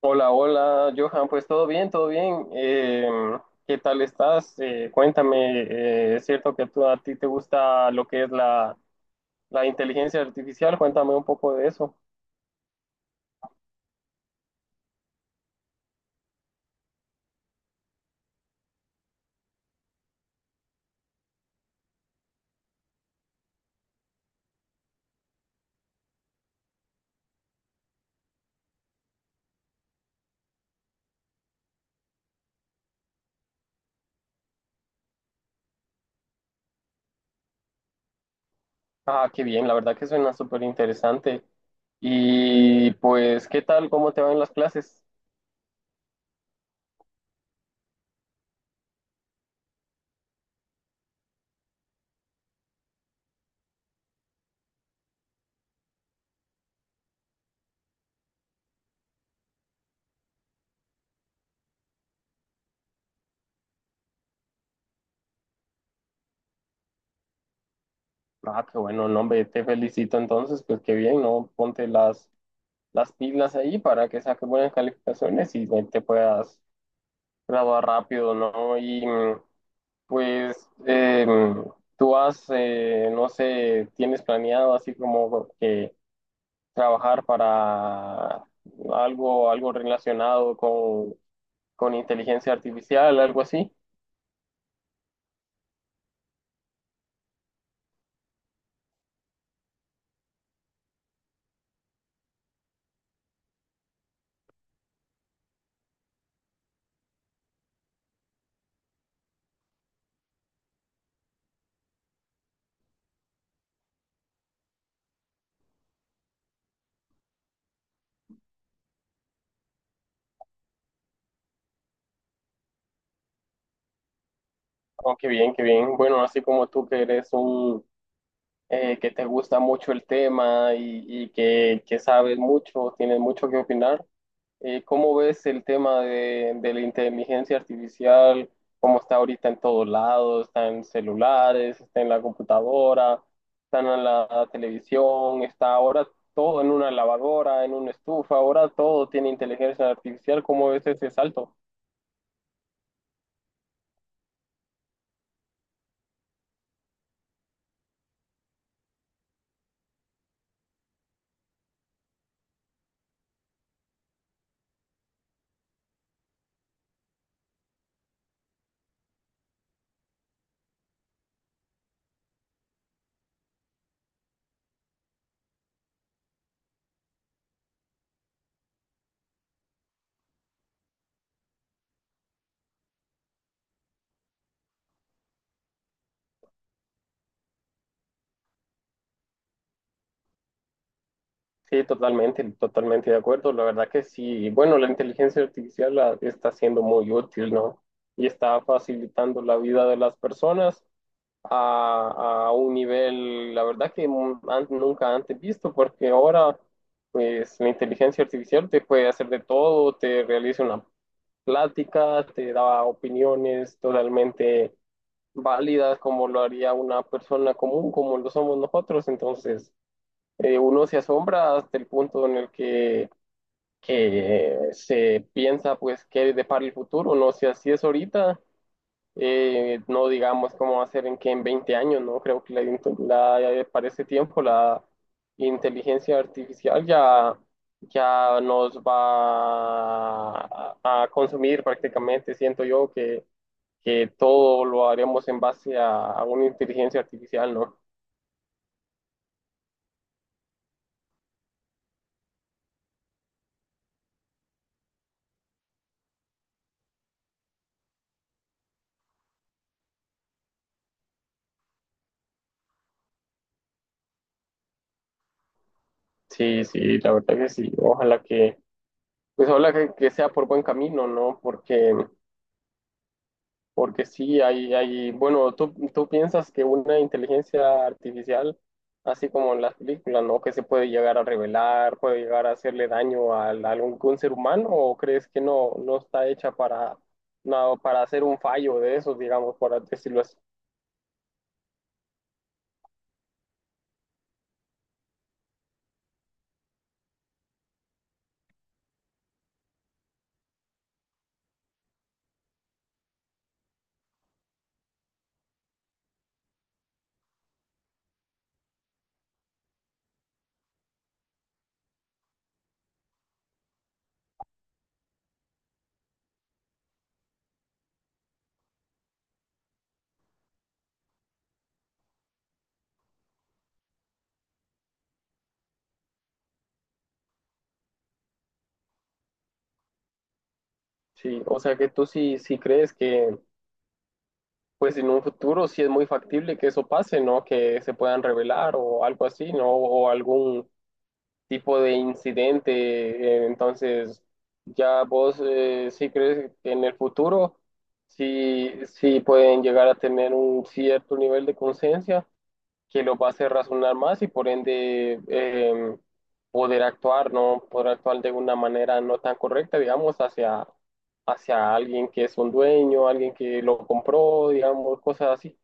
Hola, hola, Johan, pues todo bien, todo bien. ¿Qué tal estás? Cuéntame, ¿es cierto que a ti te gusta lo que es la inteligencia artificial? Cuéntame un poco de eso. Ah, qué bien, la verdad que suena súper interesante. Y pues, ¿qué tal? ¿Cómo te van las clases? Ah, qué bueno, no, hombre, te felicito entonces, pues qué bien, ¿no? Ponte las pilas ahí para que saques buenas calificaciones y te puedas graduar rápido, ¿no? Y pues eh, tú has, no sé, tienes planeado así como que trabajar para algo relacionado con inteligencia artificial, algo así. Oh, qué bien, qué bien. Bueno, así como tú que eres un, que te gusta mucho el tema y que sabes mucho, tienes mucho que opinar. ¿Cómo ves el tema de la inteligencia artificial? ¿Cómo está ahorita en todos lados? Está en celulares, está en la computadora, está en la televisión, está ahora todo en una lavadora, en una estufa, ahora todo tiene inteligencia artificial. ¿Cómo ves ese salto? Sí, totalmente, totalmente de acuerdo. La verdad que sí. Bueno, la inteligencia artificial está siendo muy útil, ¿no? Y está facilitando la vida de las personas a un nivel, la verdad que nunca antes visto, porque ahora pues la inteligencia artificial te puede hacer de todo, te realiza una plática, te da opiniones totalmente válidas como lo haría una persona común, como lo somos nosotros. Entonces, uno se asombra hasta el punto en que se piensa, pues, qué depara el futuro, no sé, así es ahorita, no digamos cómo va a ser en que en 20 años, ¿no? Creo que la- para ese tiempo la inteligencia artificial ya nos va a consumir prácticamente, siento yo que todo lo haremos en base a una inteligencia artificial, ¿no? Sí, sí, la verdad que sí, pues ojalá que sea por buen camino, ¿no? Porque... Porque sí, hay, bueno, tú piensas que una inteligencia artificial, así como en las películas, ¿no? Que se puede llegar a revelar, puede llegar a hacerle daño al a algún ser humano, o crees que no, no está hecha para, no, para hacer un fallo de esos, digamos, por decirlo así. Sí, o sea que tú sí, sí crees pues en un futuro sí es muy factible que eso pase, ¿no? Que se puedan revelar o algo así, ¿no? O algún tipo de incidente. eh, Entonces, ya vos, sí crees que en el futuro sí, sí pueden llegar a tener un cierto nivel de conciencia que los va a hacer razonar más y por ende, poder actuar, ¿no? Poder actuar de una manera no tan correcta, digamos, hacia, hacia alguien que es un dueño, alguien que lo compró, digamos, cosas así.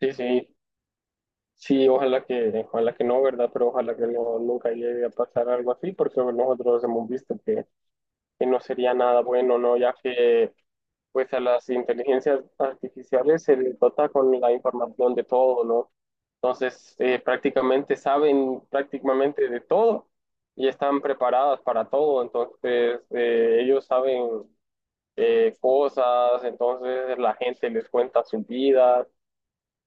Sí, sí. Sí, ojalá que no, ¿verdad? Pero ojalá que no, nunca llegue a pasar algo así, porque bueno, nosotros hemos visto que no sería nada bueno, ¿no? Ya que pues a las inteligencias artificiales se les dota con la información de todo, ¿no? Entonces, prácticamente saben prácticamente de todo y están preparadas para todo, entonces ellos saben, cosas, entonces la gente les cuenta sus vidas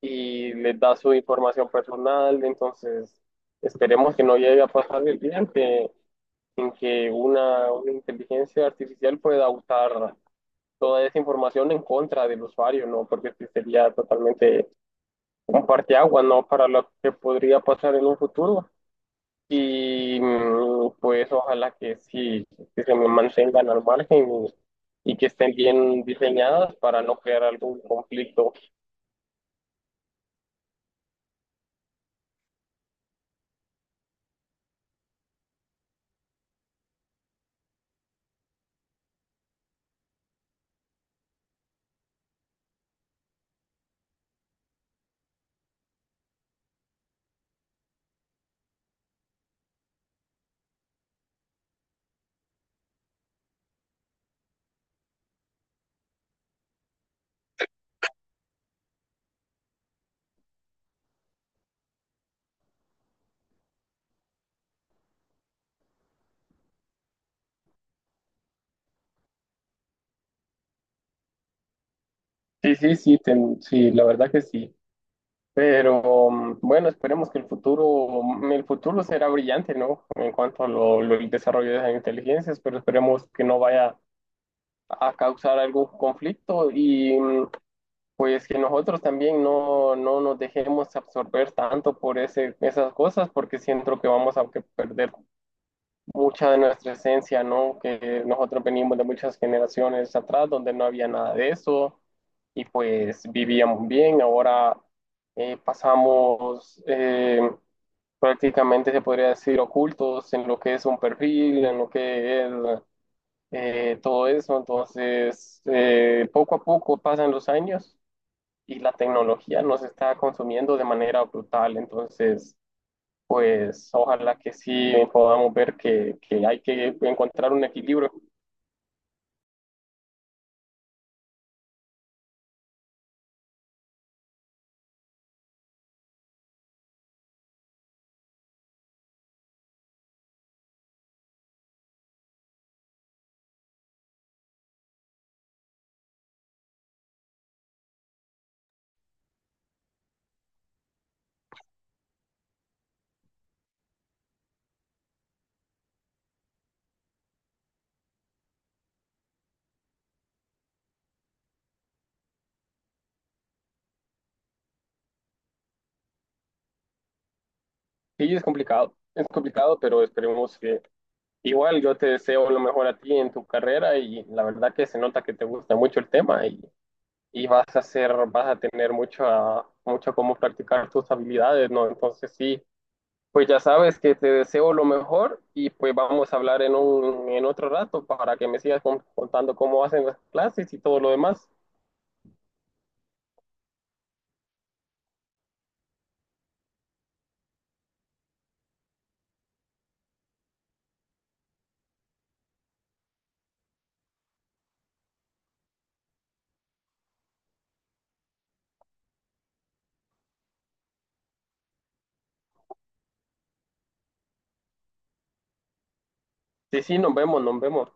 y les da su información personal. Entonces, esperemos que no llegue a pasar el día en en que una inteligencia artificial pueda usar toda esa información en contra del usuario, ¿no? Porque este sería totalmente un parteaguas, ¿no? Para lo que podría pasar en un futuro. Y mm, pues ojalá que sí, que se me mantengan al margen y que estén bien diseñadas para no crear algún conflicto. Sí, sí, sí, sí, la verdad que sí. Pero mm, bueno, esperemos que el futuro, mm, el futuro será brillante, ¿no? En cuanto a el desarrollo de las inteligencias, pero esperemos que no vaya a causar algún conflicto y mm, pues que nosotros también no nos dejemos absorber tanto por esas cosas, porque siento que vamos a que perder mucha de nuestra esencia, ¿no? Que nosotros venimos de muchas generaciones atrás donde no había nada de eso y pues vivíamos bien. Ahora, pasamos, prácticamente, se podría decir, ocultos en lo que es un perfil, en lo que es, todo eso. Entonces, poco a poco pasan los años y la tecnología nos está consumiendo de manera brutal. Entonces, pues ojalá que sí podamos ver que hay que encontrar un equilibrio. Sí, es complicado, pero esperemos que igual yo te deseo lo mejor a ti en tu carrera y la verdad que se nota que te gusta mucho el tema y vas a tener mucho, mucho cómo practicar tus habilidades, ¿no? Entonces sí, pues ya sabes que te deseo lo mejor y pues vamos a hablar en en otro rato para que me sigas contando cómo hacen las clases y todo lo demás. Sí, sí, nos vemos, nos vemos.